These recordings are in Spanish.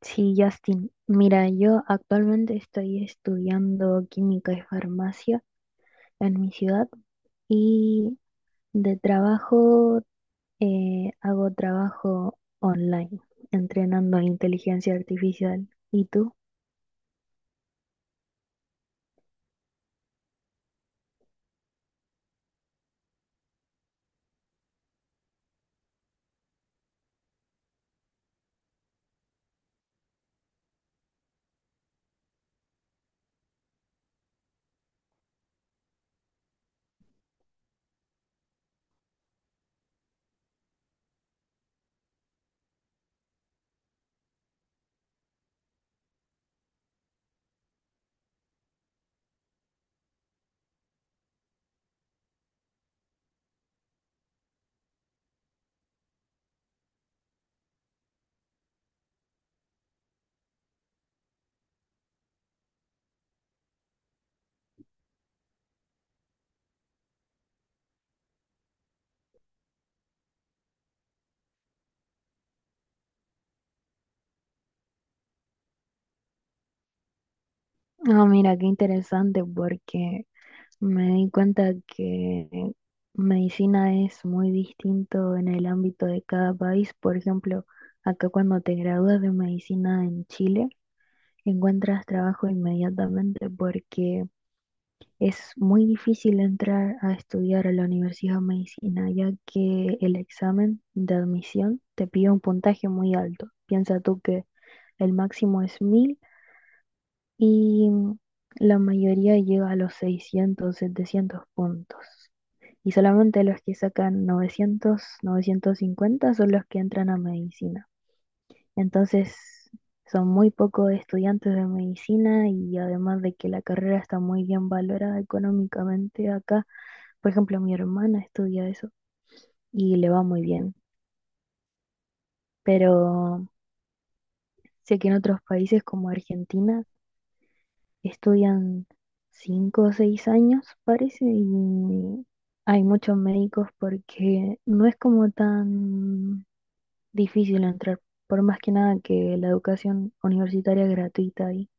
Sí, Justin, mira, yo actualmente estoy estudiando química y farmacia en mi ciudad y de trabajo hago trabajo online, entrenando inteligencia artificial. ¿Y tú? Ah, mira, qué interesante porque me di cuenta que medicina es muy distinto en el ámbito de cada país. Por ejemplo, acá cuando te gradúas de medicina en Chile, encuentras trabajo inmediatamente porque es muy difícil entrar a estudiar a la Universidad de Medicina, ya que el examen de admisión te pide un puntaje muy alto. Piensa tú que el máximo es 1.000 y la mayoría llega a los 600 700 puntos. Y solamente los que sacan novecientos cincuenta son los que entran a medicina. Entonces, son muy pocos estudiantes de medicina y además de que la carrera está muy bien valorada económicamente acá, por ejemplo, mi hermana estudia eso y le va muy bien, pero sé que en otros países como Argentina estudian 5 o 6 años, parece, y hay muchos médicos porque no es como tan difícil entrar, por más que nada que la educación universitaria es gratuita ahí.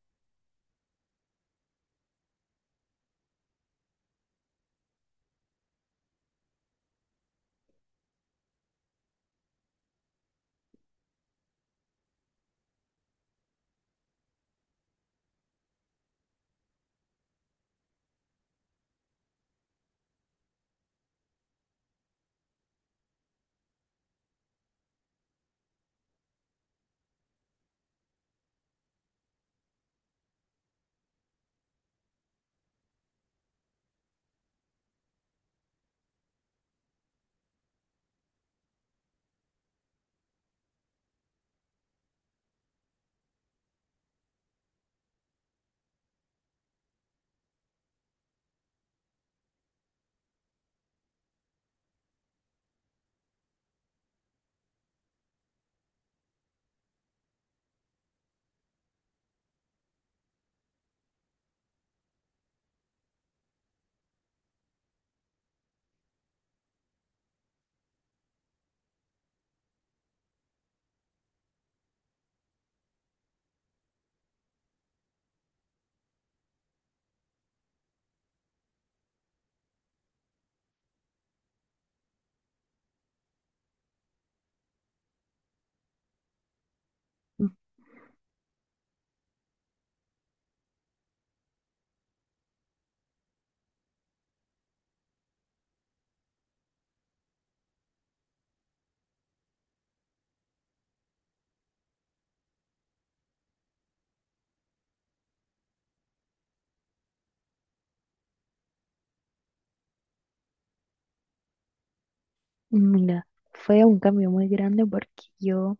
Mira, fue un cambio muy grande porque yo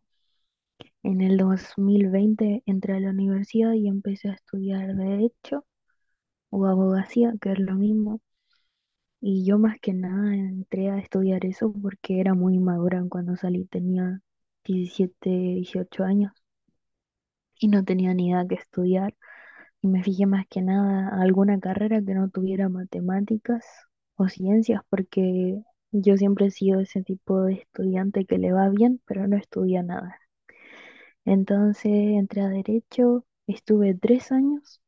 en el 2020 entré a la universidad y empecé a estudiar derecho o abogacía, que es lo mismo. Y yo más que nada entré a estudiar eso porque era muy inmadura cuando salí, tenía 17, 18 años y no tenía ni idea que estudiar. Y me fijé más que nada a alguna carrera que no tuviera matemáticas o ciencias porque yo siempre he sido ese tipo de estudiante que le va bien, pero no estudia nada. Entonces entré a derecho, estuve 3 años,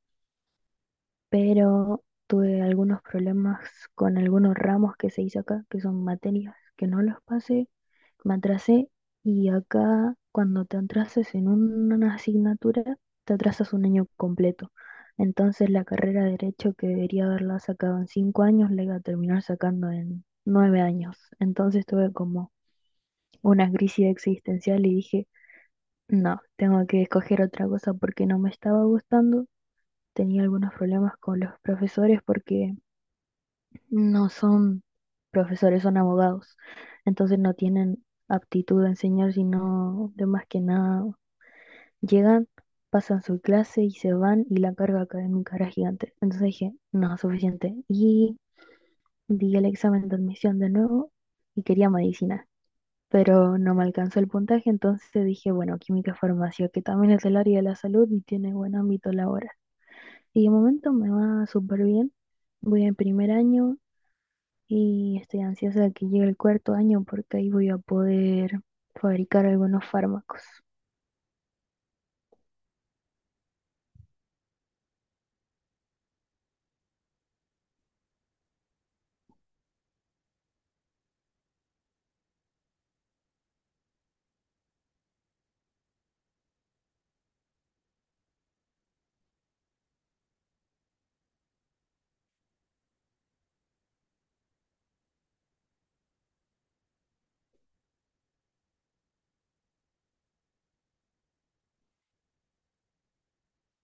pero tuve algunos problemas con algunos ramos que se hizo acá, que son materias que no los pasé, me atrasé y acá cuando te atrasas en una asignatura, te atrasas un año completo. Entonces la carrera de derecho que debería haberla sacado en 5 años, la iba a terminar sacando en 9 años. Entonces tuve como una crisis existencial y dije, no, tengo que escoger otra cosa porque no me estaba gustando. Tenía algunos problemas con los profesores porque no son profesores, son abogados. Entonces no tienen aptitud a enseñar, sino de más que nada llegan, pasan su clase y se van y la carga académica era gigante. Entonces dije, no, suficiente. Y di el examen de admisión de nuevo y quería medicina, pero no me alcanzó el puntaje, entonces dije, bueno, química farmacia, que también es el área de la salud y tiene buen ámbito laboral. Y de momento me va súper bien, voy en primer año y estoy ansiosa de que llegue el cuarto año porque ahí voy a poder fabricar algunos fármacos.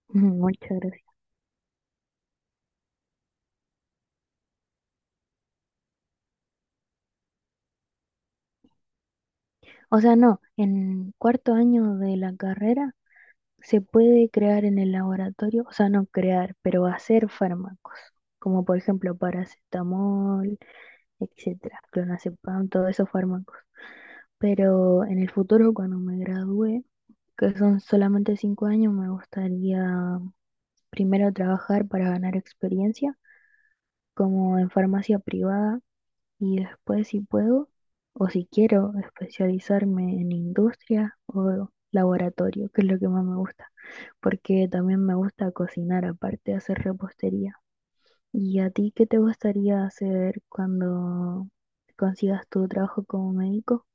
Muchas gracias. O sea, no, en cuarto año de la carrera se puede crear en el laboratorio, o sea, no crear, pero hacer fármacos, como por ejemplo paracetamol, etcétera, clonazepam, todos esos fármacos. Pero en el futuro, cuando me gradué, que son solamente 5 años, me gustaría primero trabajar para ganar experiencia, como en farmacia privada, y después si puedo, o si quiero, especializarme en industria o laboratorio, que es lo que más me gusta, porque también me gusta cocinar, aparte de hacer repostería. ¿Y a ti qué te gustaría hacer cuando consigas tu trabajo como médico?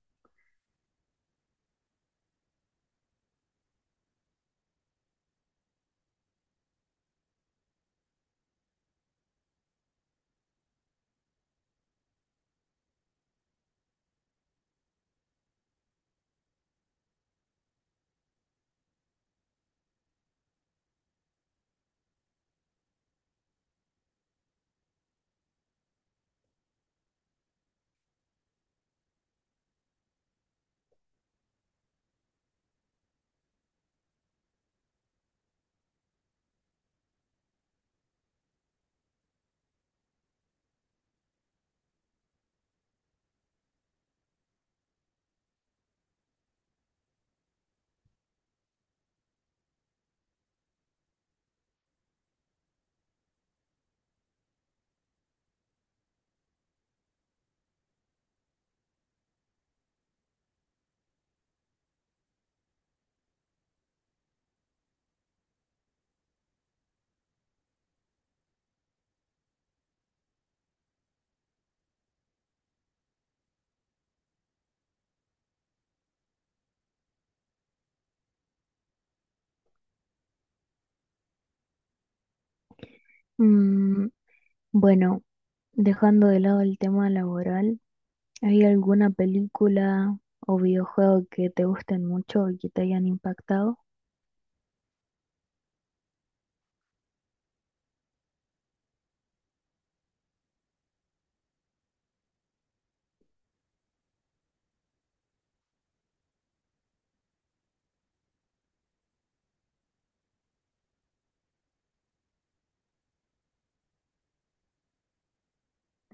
Mm, bueno, dejando de lado el tema laboral, ¿hay alguna película o videojuego que te gusten mucho y que te hayan impactado?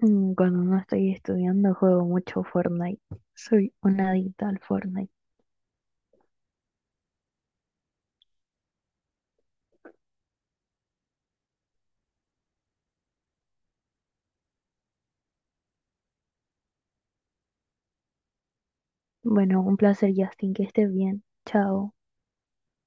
Cuando no estoy estudiando, juego mucho Fortnite. Soy una adicta al Fortnite. Bueno, un placer, Justin, que estés bien. Chao.